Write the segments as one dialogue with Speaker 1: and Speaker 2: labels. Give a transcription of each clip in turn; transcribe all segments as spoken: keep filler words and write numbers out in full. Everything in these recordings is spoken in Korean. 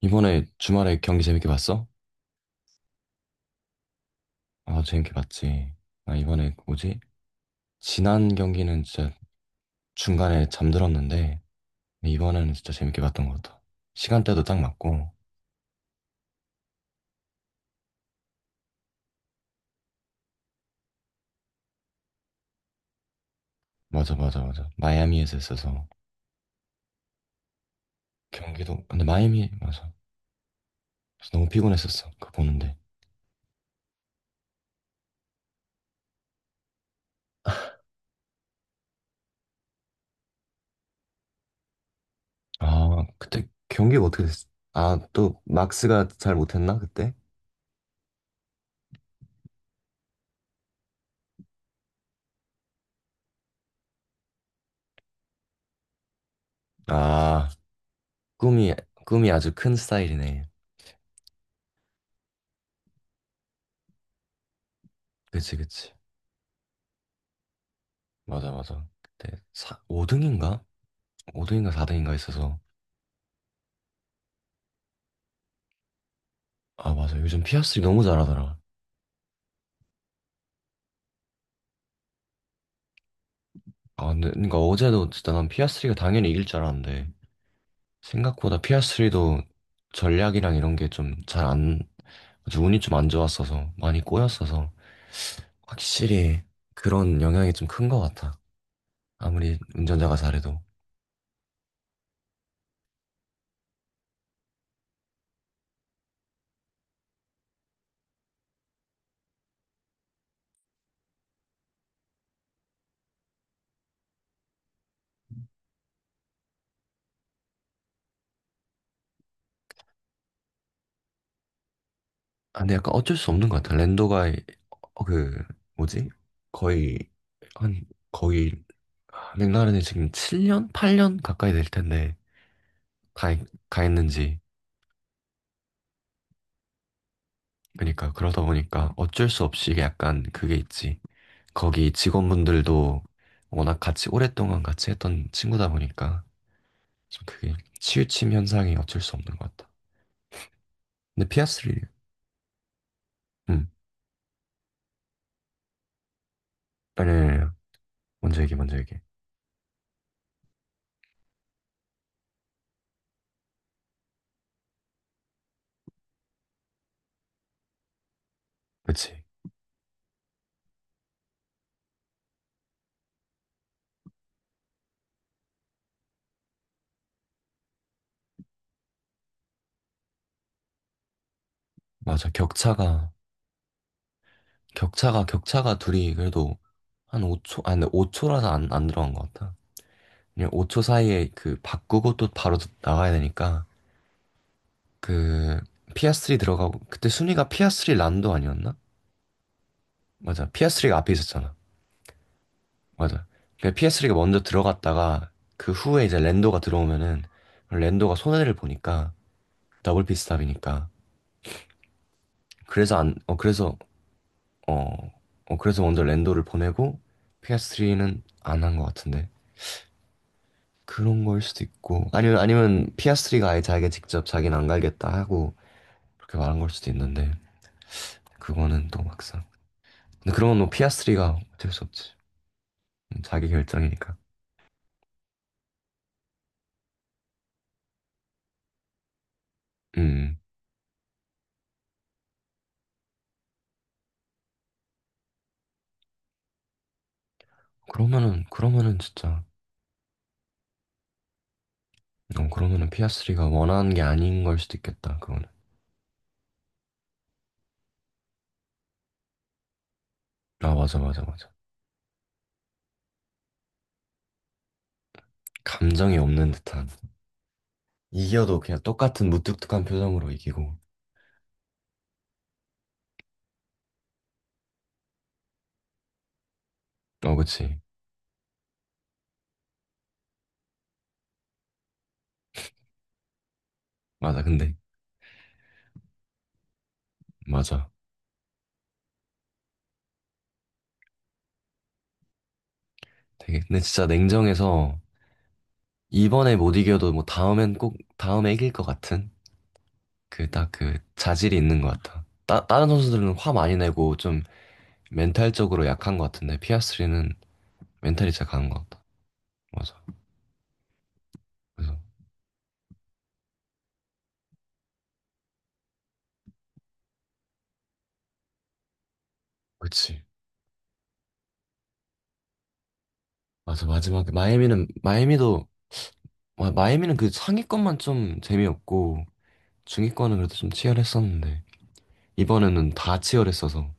Speaker 1: 이번에 주말에 경기 재밌게 봤어? 아, 재밌게 봤지. 아, 이번에 그 뭐지? 지난 경기는 진짜 중간에 잠들었는데, 이번에는 진짜 재밌게 봤던 것 같아. 시간대도 딱 맞고, 맞아, 맞아, 맞아. 마이애미에서 했어서, 경기도, 근데 마이애미, 맞아. 그래서 너무 피곤했었어, 그거 보는데. 아, 그때 경기가 어떻게 됐어? 아, 또 막스가 잘 못했나, 그때? 아, 꿈이, 꿈이 아주 큰 스타일이네. 그치, 그치. 맞아, 맞아. 그때 오 등인가? 오 등인가 사 등인가 있어서. 아, 맞아. 요즘 피아스트리 너무 잘하더라. 아, 근데, 그러니까 어제도 진짜 난 피아스트리가 당연히 이길 줄 알았는데, 생각보다 피아스트리도 전략이랑 이런 게 좀 잘 안, 아주 운이 좀 안 좋았어서, 많이 꼬였어서, 확실히 그런 영향이 좀 큰 것 같아. 아무리 운전자가 잘해도. 아, 근데 약간 어쩔 수 없는 것 같아. 랜도가, 어, 그, 뭐지? 거의, 한, 거의, 맥라렌이 지금 칠 년? 팔 년 가까이 될 텐데, 가, 가 있는지. 그러니까 그러다 보니까 어쩔 수 없이 이게 약간 그게 있지. 거기 직원분들도 워낙 같이 오랫동안 같이 했던 친구다 보니까 좀 그게 치우침 현상이 어쩔 수 없는 것 같다. 근데 피아스리, 응, 아니, 아니, 아니. 먼저 얘기, 먼저 얘기. 그치. 맞아. 격차가, 격차가, 격차가 둘이 그래도 한 오 초, 아니, 근데 오 초라서 안, 안 들어간 것 같다. 그냥 오 초 사이에 그 바꾸고 또 바로 나가야 되니까 그 피아스리 들어가고 그때 순위가 피아스리 란도 아니었나? 맞아. 피스 s 리가 앞에 있었잖아. 맞아. 그러니까 스 s 리가 먼저 들어갔다가 그 후에 이제 랜도가 들어오면은 랜도가 손해를 보니까 더블 피스탑이니까 그래서 안, 어, 그래서 어, 어, 그래서 먼저 랜도를 보내고 피스트리는 안 한 것 같은데 그런 걸 수도 있고 아니면 아니면 스 s 리가 아예 자기가 직접 자기는 안 갈겠다 하고 그렇게 말한 걸 수도 있는데 그거는 또 막상 근데 그런 건뭐 스 s 리가 어쩔 수 없지. 자기 결정이니까. 음. 그러면은 그러면은 진짜. 어, 그러면은 피아스리가 원하는 게 아닌 걸 수도 있겠다. 그거는. 아, 맞아, 맞아, 맞아. 감정이 없는 듯한. 이겨도 그냥 똑같은 무뚝뚝한 표정으로 이기고. 어, 그치. 맞아. 근데, 맞아. 되게, 근데 진짜 냉정해서 이번에 못 이겨도 뭐 다음엔 꼭, 다음에 이길 것 같은 그 딱 그 자질이 있는 것 같아. 따, 다른 선수들은 화 많이 내고 좀 멘탈적으로 약한 것 같은데 피아스리는 멘탈이 진짜 강한 것 같다. 맞아. 그래서, 그치. 맞아. 마지막에 마이애미는 마이애미도 와, 마이애미는 그 상위권만 좀 재미없고 중위권은 그래도 좀 치열했었는데 이번에는 다 치열했어서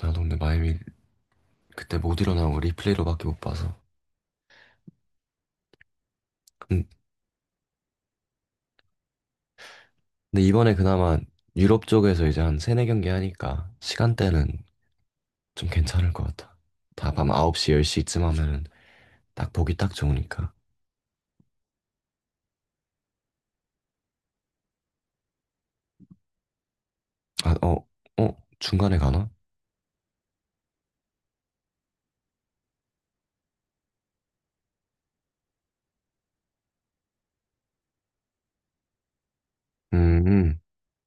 Speaker 1: 나도 근데 마이애미 그때 못 일어나고 리플레이로밖에 못 봐서 근- 근데 이번에 그나마 유럽 쪽에서 이제 한 세네 경기 하니까 시간대는 좀 괜찮을 것 같아. 다 밤 아홉 시, 열 시쯤 하면은 딱 보기 딱 좋으니까. 아, 어, 어? 중간에 가나? 음, 음.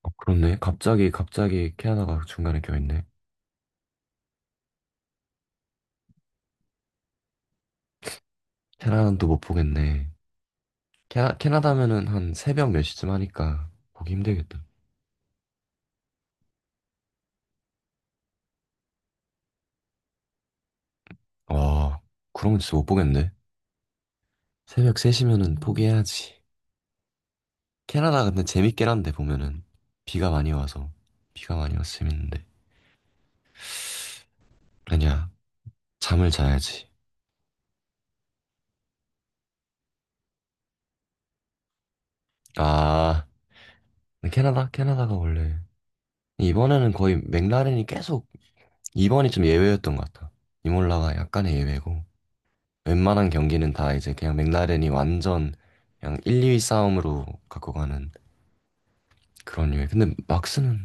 Speaker 1: 어, 그렇네. 갑자기 갑자기 캐나다가 중간에 껴있네. 캐나다도 못 보겠네. 캐나, 캐나다면은 한 새벽 몇 시쯤 하니까 보기 힘들겠다. 와, 그런 건 진짜 못 보겠네. 새벽 세 시면은 포기해야지. 캐나다 근데 재밌긴 한데 보면은 비가 많이 와서 비가 많이 와서 재밌는데. 아니야, 잠을 자야지. 아, 근데 캐나다? 캐나다가 원래 이번에는 거의 맥라렌이 계속. 이번이 좀 예외였던 것 같아. 이몰라가 약간의 예외고 웬만한 경기는 다 이제 그냥 맥라렌이 완전 그냥 일, 이 위 싸움으로 갖고 가는 그런 유예. 근데 막스는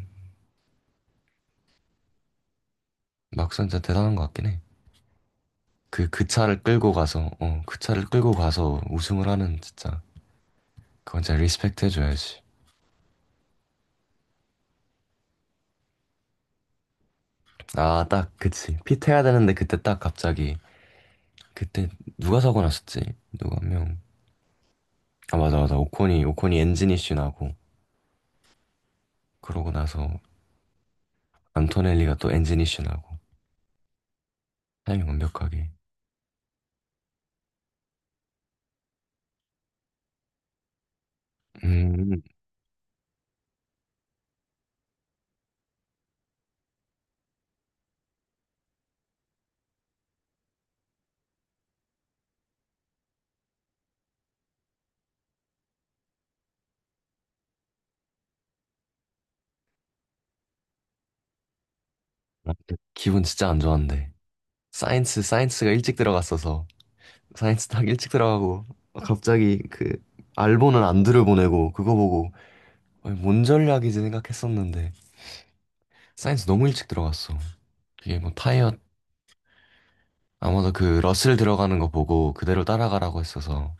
Speaker 1: 막상 진짜 대단한 것 같긴 해. 그, 그 차를 끌고 가서, 어, 그 차를 끌고 가서 우승을 하는 진짜, 그건 진짜 리스펙트 해줘야지. 아, 딱, 그치. 핏해야 되는데 그때 딱 갑자기, 그때 누가 사고 났었지? 누가 한 명. 아, 맞아, 맞아. 오콘이, 오콘이 엔진 이슈 나고, 그러고 나서 안토넬리가 또 엔진 이슈 나고, 타이밍 완벽하게. 음. 아, 그 기분 진짜 안 좋았는데. 사이언스, 사이언스가 일찍 들어갔어서, 사이언스 딱 일찍 들어가고, 갑자기 그, 알보는 안드를 보내고, 그거 보고, 아니, 뭔 전략이지 생각했었는데 사이언스 너무 일찍 들어갔어. 그게 뭐 타이어 아마도 그 러셀 들어가는 거 보고 그대로 따라가라고 했어서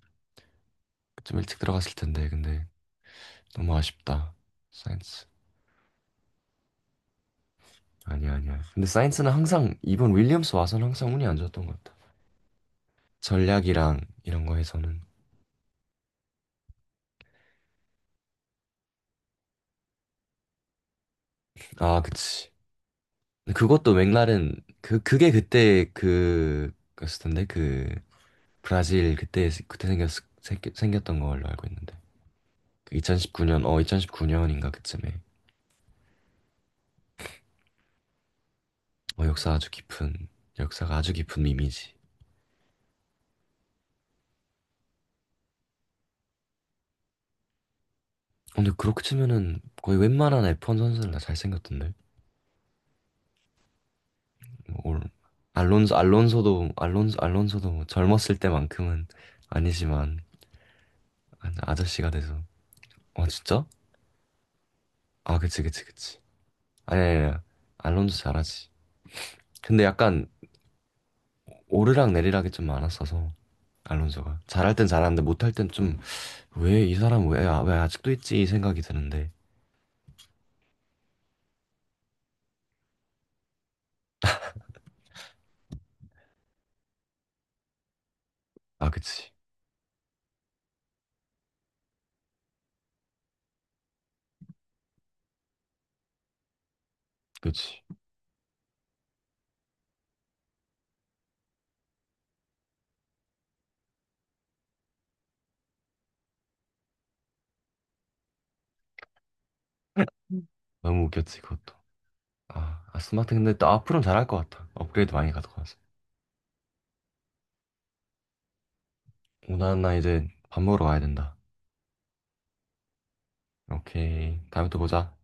Speaker 1: 좀 일찍 들어갔을 텐데 근데 너무 아쉽다. 사이언스. 아니야, 아니야. 근데 사이언스는 항상 이번 윌리엄스 와서는 항상 운이 안 좋았던 것 같아. 전략이랑 이런 거에서는. 아, 그치. 근데 그것도 맥날은 그 그게 그때 그였을 텐데 그 브라질 그때 그때 생겼 생겼- 생겼던 걸로 알고 있는데. 그 이천십구 년, 어, 이천십구 년인가 그쯤에. 어, 역사 아주 깊은, 역사가 아주 깊은 이미지. 어, 근데 그렇게 치면은 거의 웬만한 에프 원 선수는 다 잘생겼던데. 뭐 올, 알론소, 알론소도, 알론소, 알론소도 뭐 젊었을 때만큼은 아니지만, 아- 아저씨가 돼서. 어, 진짜? 아, 그치, 그치, 그치. 아니, 아니, 아니. 알론소 잘하지. 근데 약간 오르락 내리락이 좀 많았어서, 알론소가. 잘할 땐 잘하는데 못할 땐 좀, 왜 이 사람 왜, 아- 왜 아직도 있지? 이 생각이 드는데. 아, 그치. 그치. 너무 웃겼지, 그것도. 아, 아, 스마트 근데 또 앞으로는 잘할 것 같아. 업그레이드 많이 가져가서. 오나 나 이제 밥 먹으러 가야 된다. 오케이. 다음에 또 보자.